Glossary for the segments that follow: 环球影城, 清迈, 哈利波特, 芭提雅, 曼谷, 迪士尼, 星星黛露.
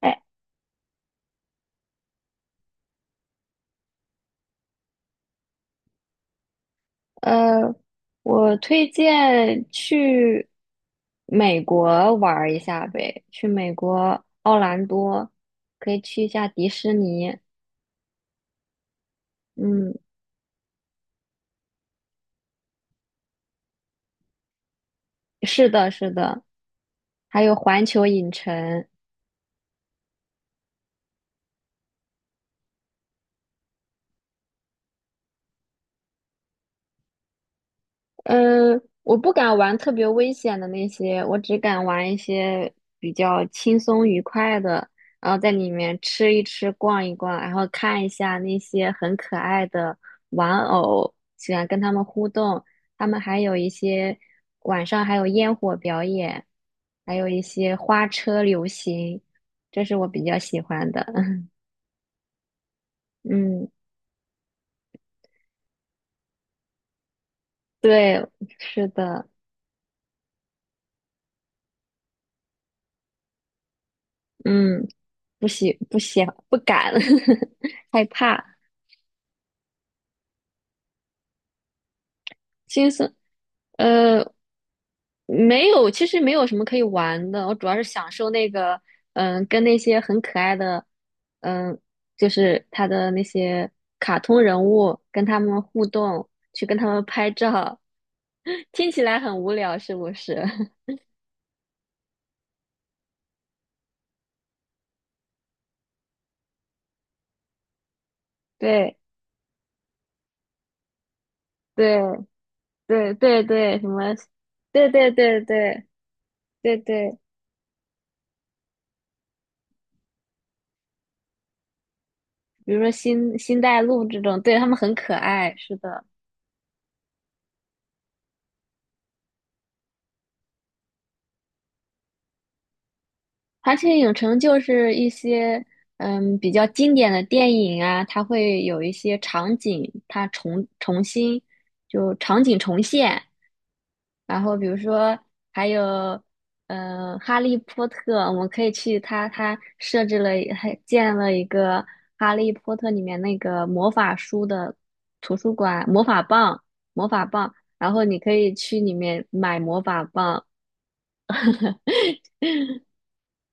哎，呃，我推荐去美国玩儿一下呗，去美国奥兰多，可以去一下迪士尼。嗯，是的，是的，还有环球影城。嗯，我不敢玩特别危险的那些，我只敢玩一些比较轻松愉快的，然后在里面吃一吃、逛一逛，然后看一下那些很可爱的玩偶，喜欢跟他们互动。他们还有一些晚上还有烟火表演，还有一些花车游行，这是我比较喜欢的。嗯，对，是的，嗯，不喜不喜不敢，害怕。金色，呃，没有，其实没有什么可以玩的，我主要是享受那个，嗯，跟那些很可爱的，嗯，就是他的那些卡通人物，跟他们互动，去跟他们拍照，听起来很无聊，是不是？对对对对对，什么？对对对对对对，比如说星星黛露这种，对，他们很可爱，是的。而且影城就是一些比较经典的电影啊，它会有一些场景，它重新就场景重现。然后比如说还有嗯《哈利波特》，我们可以去它设置了还建了一个《哈利波特》里面那个魔法书的图书馆，魔法棒，然后你可以去里面买魔法棒。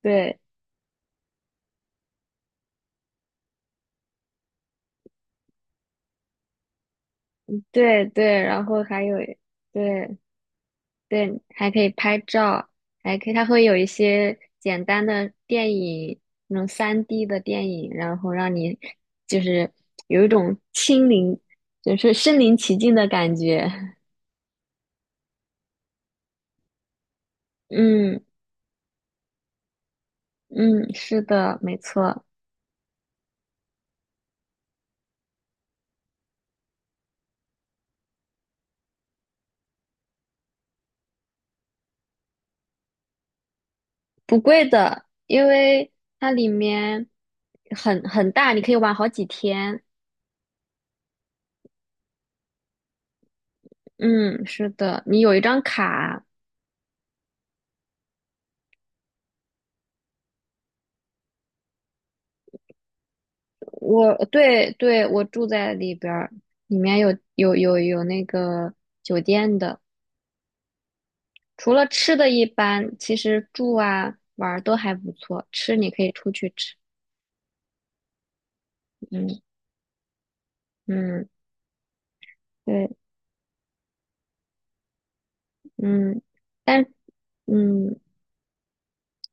对对对，然后还有对。对，还可以拍照，还可以，它会有一些简单的电影，那种 3D 的电影，然后让你就是有一种亲临，就是身临其境的感觉。嗯嗯，是的，没错，不贵的，因为它里面很大，你可以玩好几天。嗯，是的，你有一张卡，对对，我住在里边儿，里面有有那个酒店的，除了吃的一般，其实住啊玩儿都还不错。吃你可以出去吃，嗯嗯对嗯，但嗯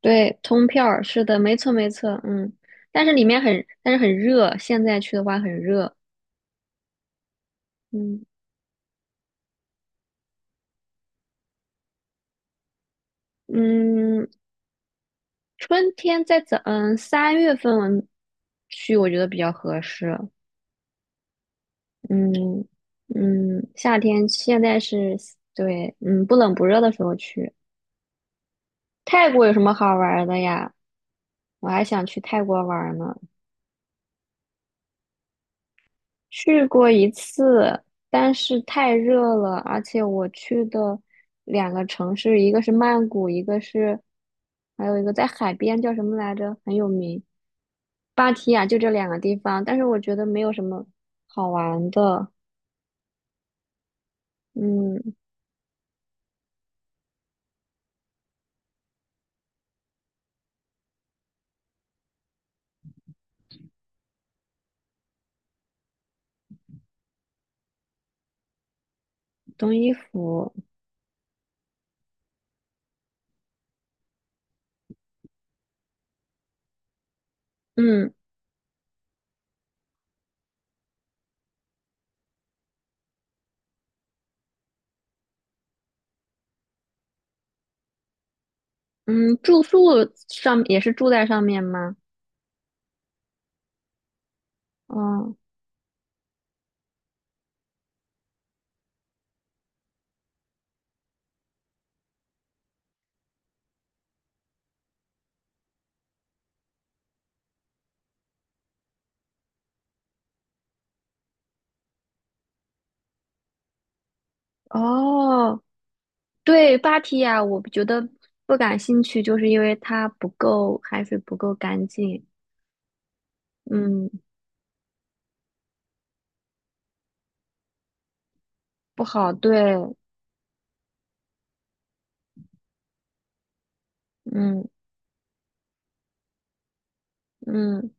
对，通票儿是的，没错没错，嗯，但是很热，现在去的话很热，嗯嗯，春天嗯三月份去，我觉得比较合适，嗯嗯，夏天现在是，对，嗯，不冷不热的时候去。泰国有什么好玩儿的呀？我还想去泰国玩儿呢。去过一次，但是太热了，而且我去的两个城市，一个是曼谷，一个是，还有一个在海边叫什么来着，很有名，芭提雅，就这两个地方。但是我觉得没有什么好玩的。嗯，冬衣服。嗯嗯，住宿上也是住在上面吗？哦哦，对，芭提雅我觉得不感兴趣，就是因为它不够，海水不够干净，嗯，不好，对，嗯嗯，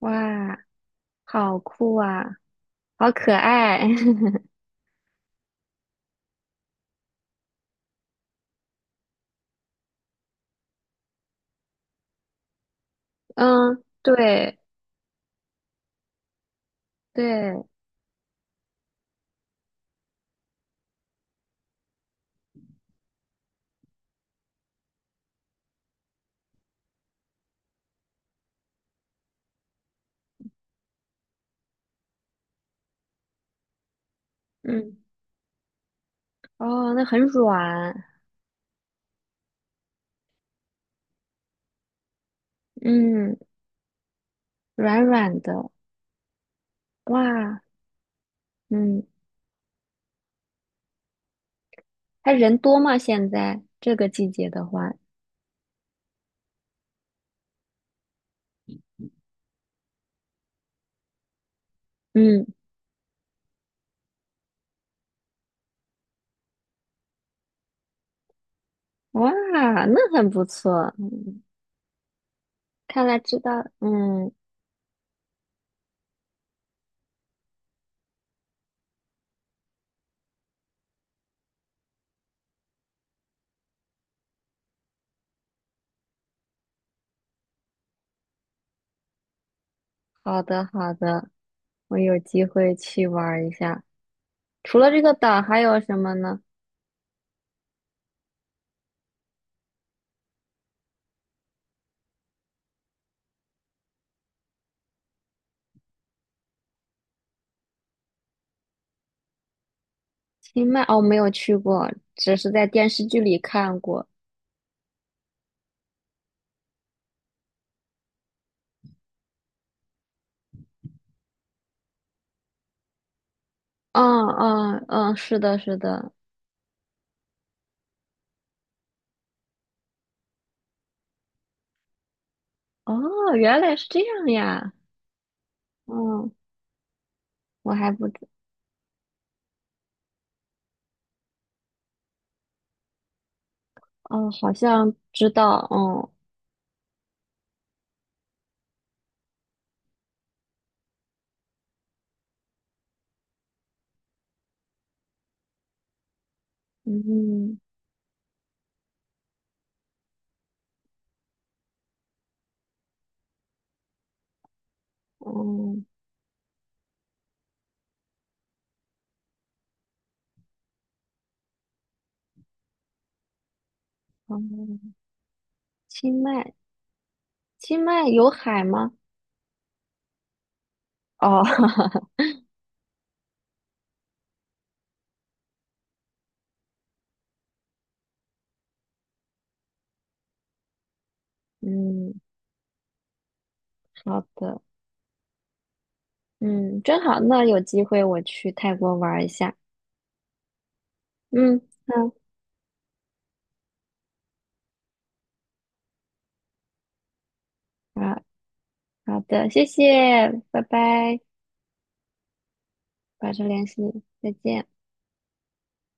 哇，好酷啊，好可爱，嗯，对对，嗯，哦，那很软，嗯，软软的，哇，嗯，它人多吗？现在这个季节的话，嗯。哇，那很不错。看来知道，嗯，好的好的，我有机会去玩儿一下。除了这个岛，还有什么呢？清迈哦，没有去过，只是在电视剧里看过。嗯嗯嗯，是的，是的。哦，原来是这样呀。嗯，我还不知，哦，好像知道。嗯嗯嗯嗯，清迈，清迈有海吗？哦，嗯，好的。嗯，真好，那有机会我去泰国玩儿一下。嗯，好好，好的，谢谢，拜拜，保持联系，再见。